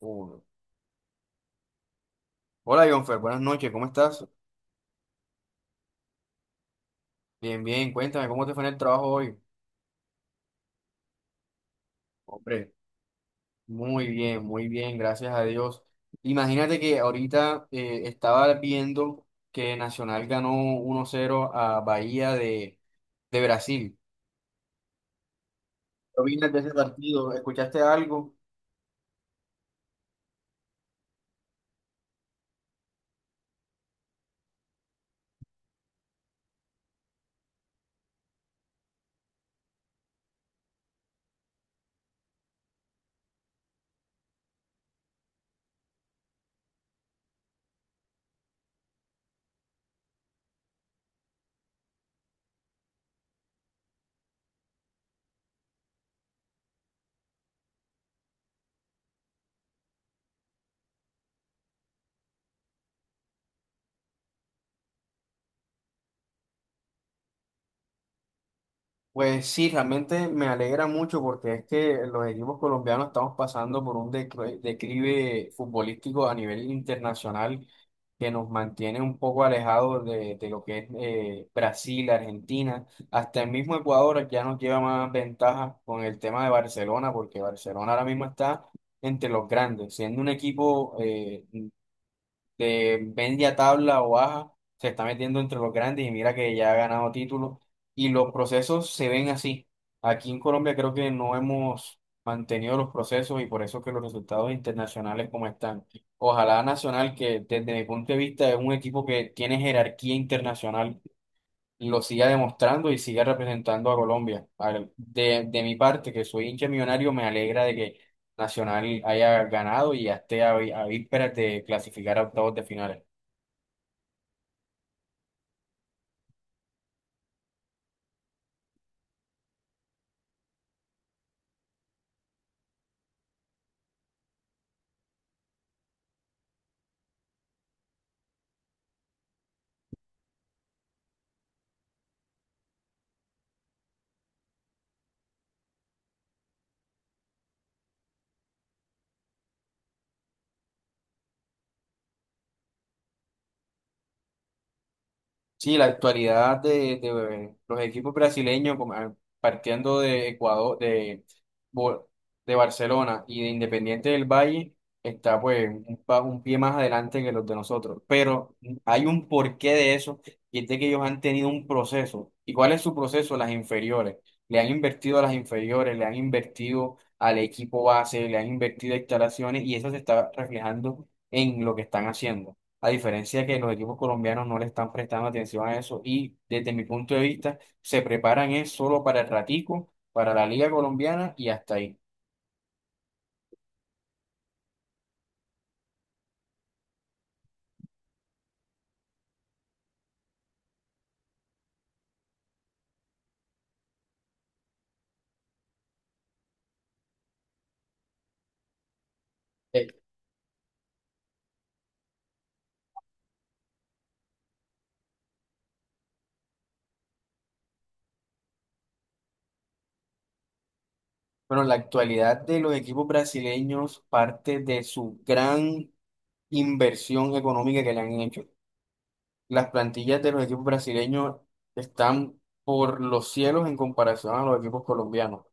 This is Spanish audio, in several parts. Uno. Hola, Jonfer, buenas noches, ¿cómo estás? Bien, bien, cuéntame, ¿cómo te fue en el trabajo hoy? Hombre, muy bien, gracias a Dios. Imagínate que ahorita estaba viendo que Nacional ganó 1-0 a Bahía de Brasil. ¿Qué opinas de ese partido? ¿Escuchaste algo? Pues sí, realmente me alegra mucho porque es que los equipos colombianos estamos pasando por un declive futbolístico a nivel internacional que nos mantiene un poco alejados de lo que es Brasil, Argentina, hasta el mismo Ecuador ya nos lleva más ventaja con el tema de Barcelona, porque Barcelona ahora mismo está entre los grandes, siendo un equipo de media tabla o baja, se está metiendo entre los grandes y mira que ya ha ganado títulos y los procesos se ven así. Aquí en Colombia creo que no hemos mantenido los procesos y por eso que los resultados internacionales como están. Ojalá Nacional, que desde mi punto de vista es un equipo que tiene jerarquía internacional, lo siga demostrando y siga representando a Colombia. De mi parte, que soy hincha millonario, me alegra de que Nacional haya ganado y ya esté a vísperas de clasificar a octavos de finales. Sí, la actualidad de los equipos brasileños, como, ah, partiendo de Ecuador, de, Bo- de Barcelona y de Independiente del Valle, está pues un pie más adelante que los de nosotros. Pero hay un porqué de eso, y es de que ellos han tenido un proceso. ¿Y cuál es su proceso? Las inferiores. Le han invertido a las inferiores, le han invertido al equipo base, le han invertido a instalaciones, y eso se está reflejando en lo que están haciendo. A diferencia que los equipos colombianos no le están prestando atención a eso y desde mi punto de vista se preparan es solo para el ratico, para la liga colombiana y hasta ahí. Eh, Pero en la actualidad de los equipos brasileños parte de su gran inversión económica que le han hecho. Las plantillas de los equipos brasileños están por los cielos en comparación a los equipos colombianos.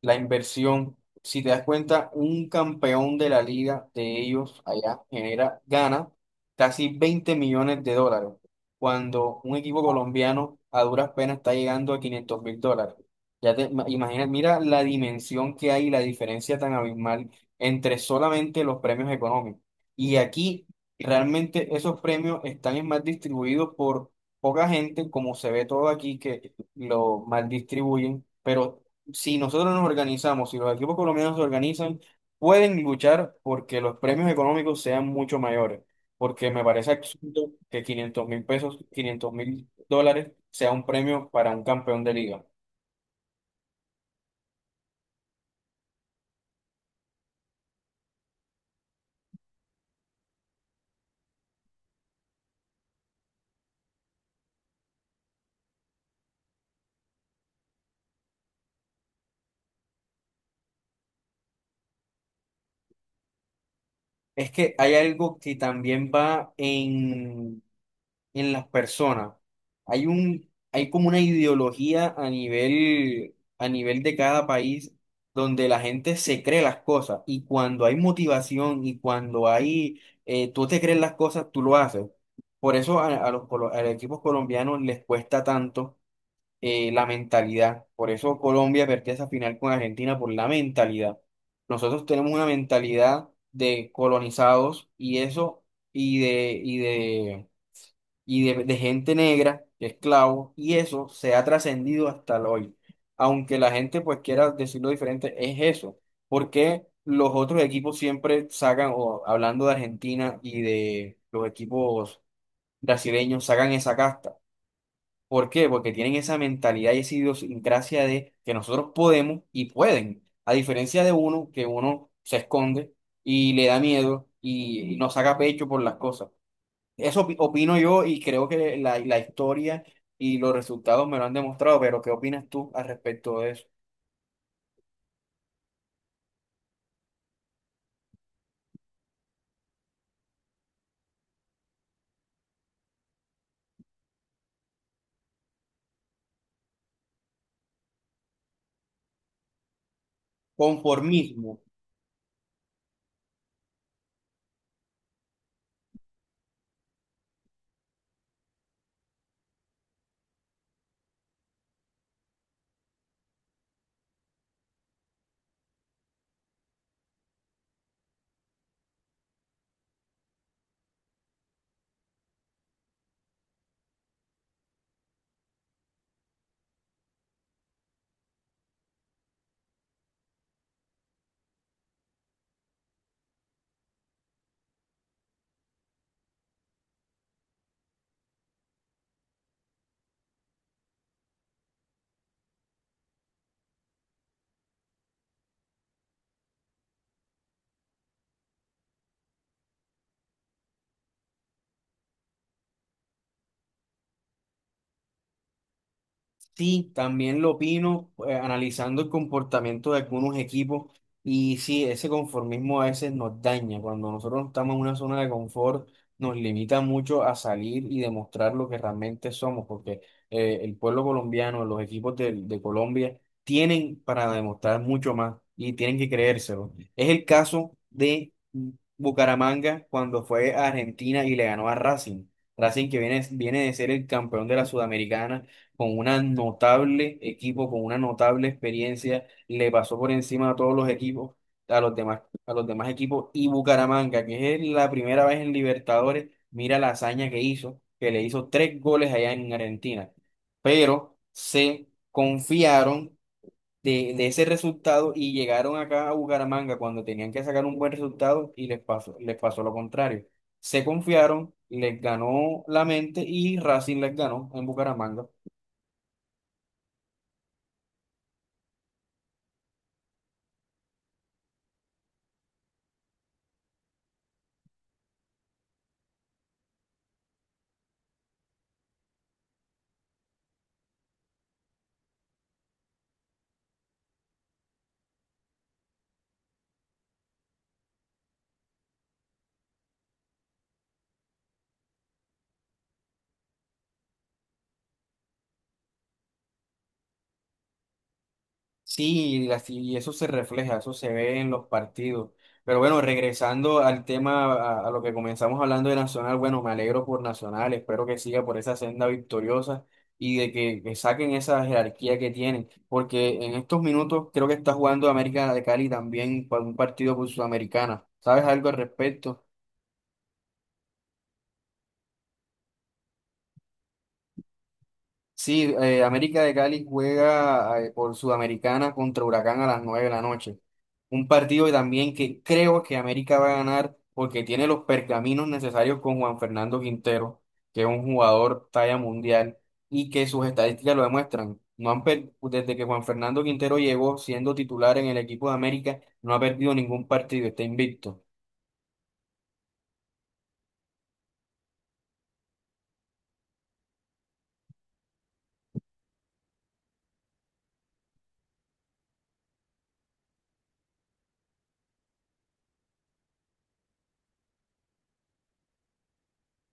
La inversión. Si te das cuenta, un campeón de la liga de ellos allá genera, gana casi 20 millones de dólares, cuando un equipo colombiano a duras penas está llegando a 500 mil dólares. Ya te imaginas, mira la dimensión que hay, la diferencia tan abismal entre solamente los premios económicos. Y aquí realmente esos premios están es más distribuidos por poca gente, como se ve todo aquí que lo mal distribuyen, pero si nosotros nos organizamos, si los equipos colombianos se organizan, pueden luchar porque los premios económicos sean mucho mayores. Porque me parece absurdo que 500 mil pesos, 500 mil dólares sea un premio para un campeón de liga. Es que hay algo que también va en las personas. Hay un, hay como una ideología a nivel de cada país donde la gente se cree las cosas y cuando hay motivación y cuando hay, tú te crees las cosas, tú lo haces. Por eso a los equipos colombianos les cuesta tanto la mentalidad. Por eso Colombia perdió esa final con Argentina por la mentalidad. Nosotros tenemos una mentalidad de colonizados y eso y de, y de gente negra, esclavos, y eso se ha trascendido hasta el hoy. Aunque la gente pues quiera decirlo diferente, es eso. Porque los otros equipos siempre sacan, o hablando de Argentina y de los equipos brasileños, sacan esa casta. ¿Por qué? Porque tienen esa mentalidad y esa idiosincrasia de que nosotros podemos y pueden. A diferencia de uno, que uno se esconde y le da miedo y no saca pecho por las cosas. Eso opino yo y creo que la historia y los resultados me lo han demostrado, pero ¿qué opinas tú al respecto de eso? Conformismo. Sí, también lo opino, analizando el comportamiento de algunos equipos y sí, ese conformismo a veces nos daña. Cuando nosotros no estamos en una zona de confort, nos limita mucho a salir y demostrar lo que realmente somos, porque el pueblo colombiano, los equipos de Colombia tienen para demostrar mucho más y tienen que creérselo. Es el caso de Bucaramanga cuando fue a Argentina y le ganó a Racing. Racing que viene de ser el campeón de la Sudamericana con una notable equipo, con una notable experiencia, le pasó por encima a todos los equipos, a los demás equipos, y Bucaramanga, que es la primera vez en Libertadores, mira la hazaña que hizo, que le hizo 3 goles allá en Argentina, pero se confiaron de ese resultado y llegaron acá a Bucaramanga cuando tenían que sacar un buen resultado y les pasó lo contrario. Se confiaron, les ganó la mente y Racing les ganó en Bucaramanga. Sí, y eso se refleja, eso se ve en los partidos. Pero bueno, regresando al tema, a lo que comenzamos hablando de Nacional, bueno, me alegro por Nacional, espero que siga por esa senda victoriosa y de que saquen esa jerarquía que tienen, porque en estos minutos creo que está jugando América de Cali también para un partido por Sudamericana. ¿Sabes algo al respecto? Sí, América de Cali juega por Sudamericana contra Huracán a las 9 de la noche. Un partido también que creo que América va a ganar porque tiene los pergaminos necesarios con Juan Fernando Quintero, que es un jugador talla mundial y que sus estadísticas lo demuestran. No han per- Desde que Juan Fernando Quintero llegó siendo titular en el equipo de América, no ha perdido ningún partido, está invicto.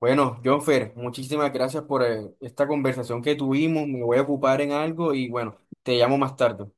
Bueno, Jonfer, muchísimas gracias por esta conversación que tuvimos. Me voy a ocupar en algo y bueno, te llamo más tarde.